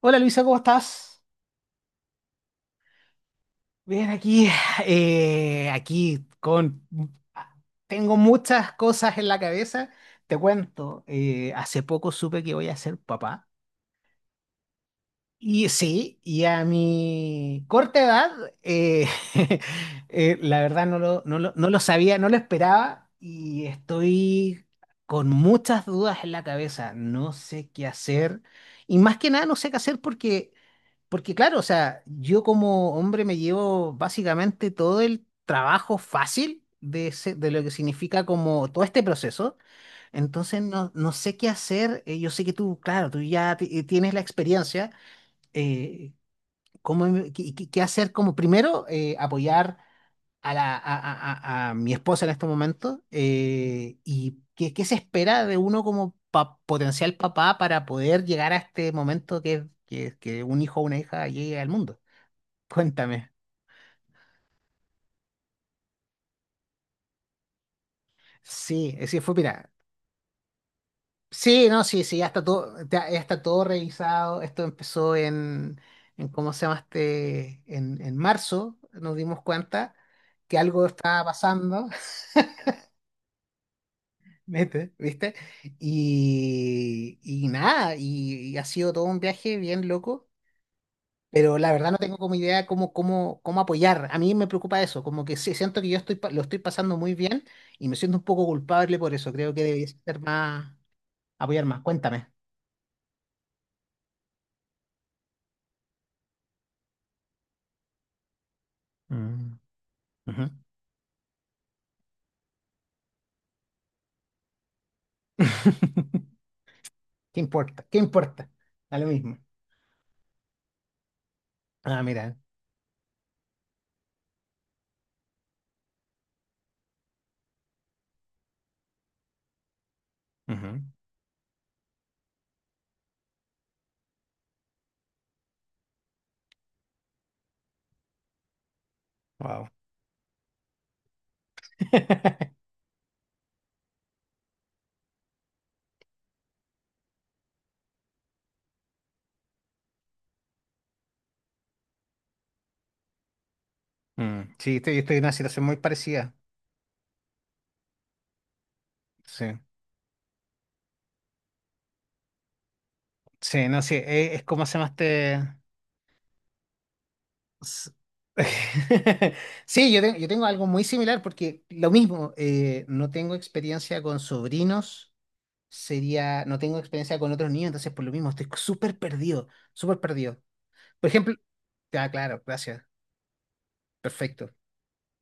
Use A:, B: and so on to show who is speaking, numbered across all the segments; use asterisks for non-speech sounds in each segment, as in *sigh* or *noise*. A: Hola Luisa, ¿cómo estás? Bien, aquí, *sighs* aquí con... Tengo muchas cosas en la cabeza. Te cuento, hace poco supe que voy a ser papá. Y sí, y a mi corta edad, eh, *laughs* la verdad no lo sabía, no lo esperaba y estoy con muchas dudas en la cabeza. No sé qué hacer. Y más que nada no sé qué hacer porque claro, o sea, yo como hombre me llevo básicamente todo el trabajo fácil de lo que significa como todo este proceso. Entonces no sé qué hacer. Yo sé que tú, claro, tú ya tienes la experiencia. Eh, cómo em- qué, qué- qué hacer como primero apoyar a, la, a mi esposa en este momento. ¿Y qué se espera de uno como potencial papá para poder llegar a este momento que un hijo o una hija llegue al mundo? Cuéntame. Sí, sí, fue, mira. Sí, no, sí, sí, ya está todo, ya está todo revisado. Esto empezó en ¿cómo se llama este? En marzo nos dimos cuenta que algo estaba pasando, *laughs* mete, ¿viste? Y nada, y ha sido todo un viaje bien loco, pero la verdad no tengo como idea cómo apoyar. A mí me preocupa eso, como que sí, siento que yo estoy, lo estoy pasando muy bien y me siento un poco culpable por eso. Creo que debería ser más. Apoyar más. Cuéntame. Mm. Ujú. *laughs* ¿Qué importa? ¿Qué importa? Da lo mismo. Ah, mira. Ujú. Wow. *laughs* Mm, sí, estoy en una situación muy parecida. Sí. Sí, no, sí. Es como se llama este. S- *laughs* Sí, yo tengo algo muy similar porque lo mismo, no tengo experiencia con sobrinos, sería, no tengo experiencia con otros niños, entonces por lo mismo estoy súper perdido, súper perdido. Por ejemplo, ah, claro, gracias, perfecto.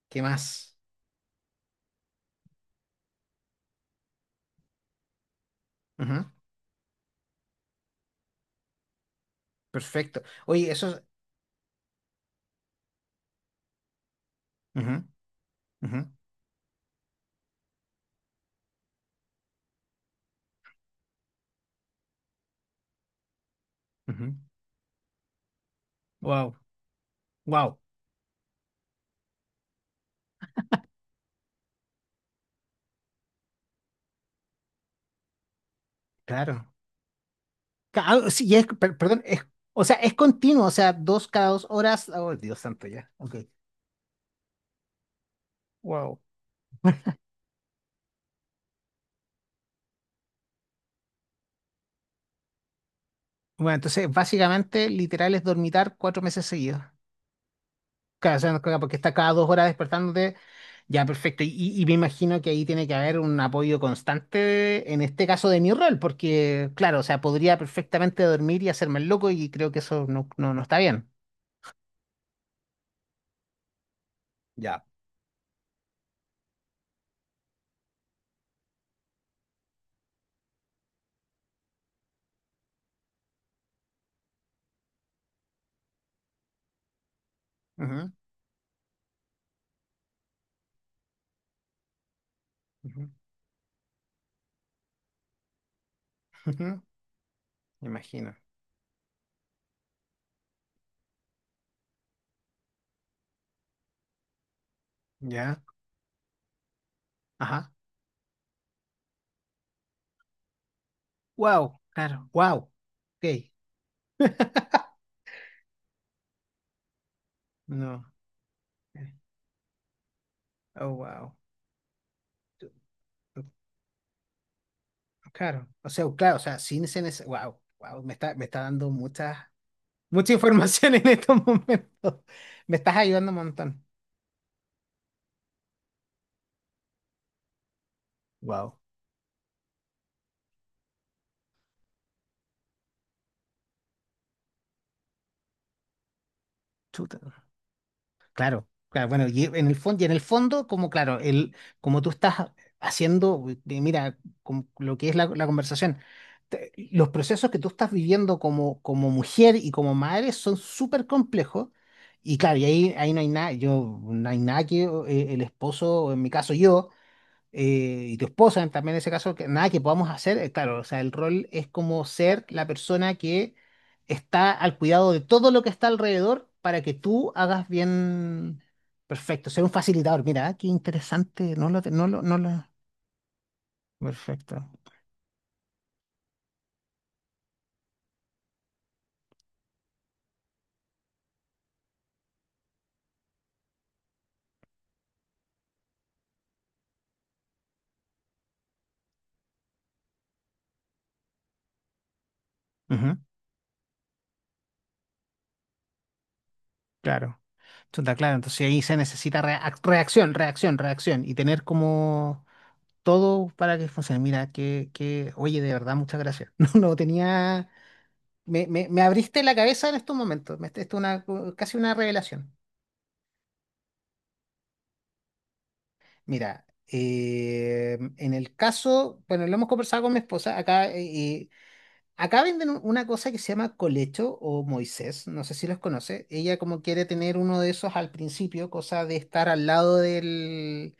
A: ¿Qué más? Ujú. Perfecto. Oye, eso es... Wow, wow, claro. Sí, perdón, o sea, es continuo, o sea, 2 cada 2 horas. Oh, Dios santo, ya. Ok. Wow. Bueno, entonces, básicamente, literal es dormitar 4 meses seguidos. Claro, o sea, no, claro, porque está cada 2 horas despertándote. Ya, perfecto. Y me imagino que ahí tiene que haber un apoyo constante, en este caso de mi rol, porque, claro, o sea, podría perfectamente dormir y hacerme el loco y creo que eso no está bien. Ya. Ujú, ujú, ujú, me imagino. Ya. Ajá. Wow. Claro. Wow. Ok. *laughs* No. eh, Oh, wow. Claro. O sea, claro, o sea, sin ser wow. Wow. Me está dando mucha, mucha *laughs* información en estos momentos. Me estás ayudando un montón. Wow. Claro, claro, bueno, y en el fondo, y en el fondo, como claro, el, como tú estás haciendo, mira, con lo que es la conversación, los procesos que tú estás viviendo como, como mujer y como madre son súper complejos, y claro, ahí no hay nada, yo, no hay nada que el esposo, o en mi caso yo, y tu esposa también en ese caso, que nada que podamos hacer, claro, o sea, el rol es como ser la persona que está al cuidado de todo lo que está alrededor para que tú hagas bien, perfecto, ser un facilitador, mira, ah, qué interesante, no lo, te- no lo, no lo, perfecto. Ujú, claro, está claro, entonces ahí se necesita reacción, reacción, reacción, y tener como... Todo para que funcione. Mira, oye, de verdad, muchas gracias. *laughs* No, no tenía. Me abriste la cabeza en estos momentos. Esto es una, casi una revelación. Mira, en el caso, bueno, lo hemos conversado con mi esposa. Acá, acá venden una cosa que se llama colecho o Moisés. No sé si los conoce. Ella como quiere tener uno de esos al principio, cosa de estar al lado del,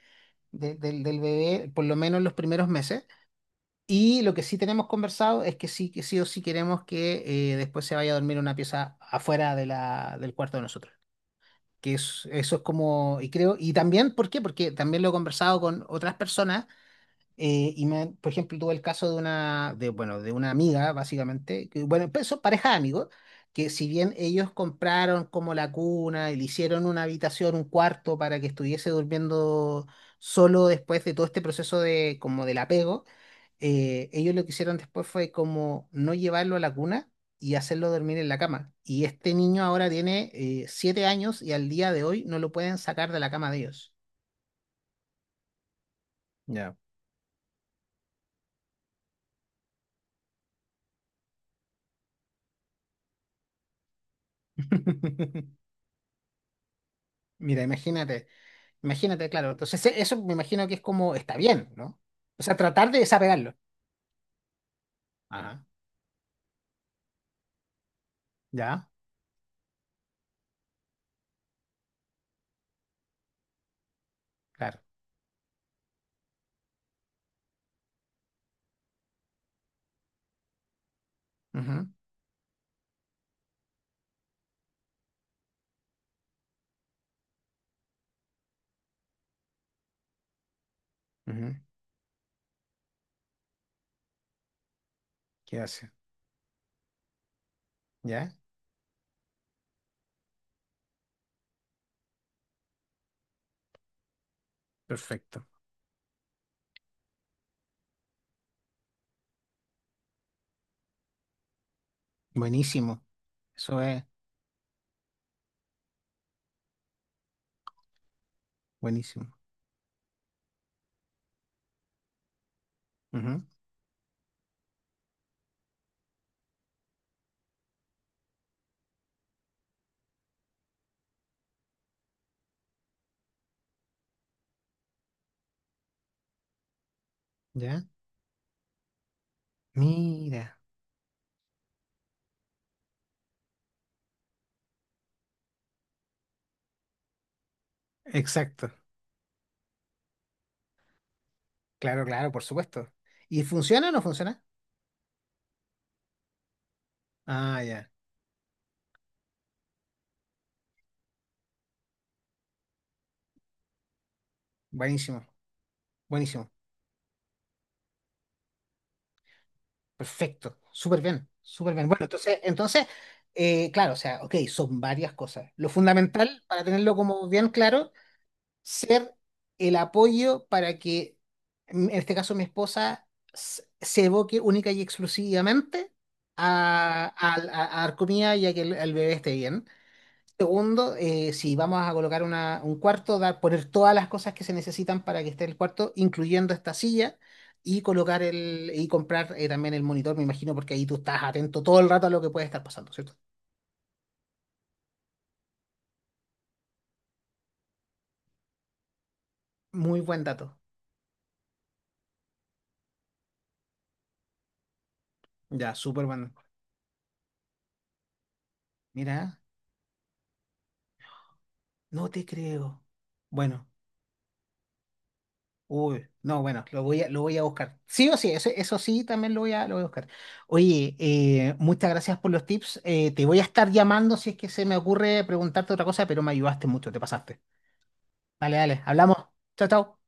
A: de- del, del bebé, por lo menos los primeros meses. Y lo que sí tenemos conversado es que sí o sí queremos que después se vaya a dormir en una pieza afuera de del cuarto de nosotros. Que eso es como, y creo, y también, ¿por qué? Porque también lo he conversado con otras personas, y me, por ejemplo, tuve el caso de una, de, bueno, de una amiga, básicamente, que, bueno, pues, son pareja de amigos, que si bien ellos compraron como la cuna y le hicieron una habitación, un cuarto para que estuviese durmiendo solo después de todo este proceso de, como del apego, ellos lo que hicieron después fue como no llevarlo a la cuna y hacerlo dormir en la cama. Y este niño ahora tiene 7 años y al día de hoy no lo pueden sacar de la cama de ellos. Ya. *laughs* Mira, imagínate, imagínate, claro. Entonces, eso me imagino que es como, está bien, ¿no? O sea, tratar de desapegarlo. Ajá, ya, claro. Ujú, ujú. ¿Qué hace? Ya, perfecto. Buenísimo. Eso es buenísimo. Ujú, ya, mira, exacto. Claro, claro, por supuesto. ¿Y funciona o no funciona? Ah, ya. Buenísimo, buenísimo. Perfecto. Súper bien, súper bien. Bueno, entonces, entonces, claro, o sea, ok, son varias cosas. Lo fundamental, para tenerlo como bien claro, ser el apoyo para que, en este caso, mi esposa se evoque única y exclusivamente a dar comida y a que el bebé esté bien. Segundo, si vamos a colocar un cuarto, dar, poner todas las cosas que se necesitan para que esté el cuarto, incluyendo esta silla, y colocar el, y comprar también el monitor, me imagino, porque ahí tú estás atento todo el rato a lo que puede estar pasando, ¿cierto? Muy buen dato. Ya, súper bueno. Mira, no te creo. Bueno, uy, no, bueno, lo voy a buscar. Sí o sí, eso sí, también lo voy a buscar. Oye, muchas gracias por los tips. Te voy a estar llamando si es que se me ocurre preguntarte otra cosa, pero me ayudaste mucho, te pasaste. Dale, dale, hablamos. Chao, chao.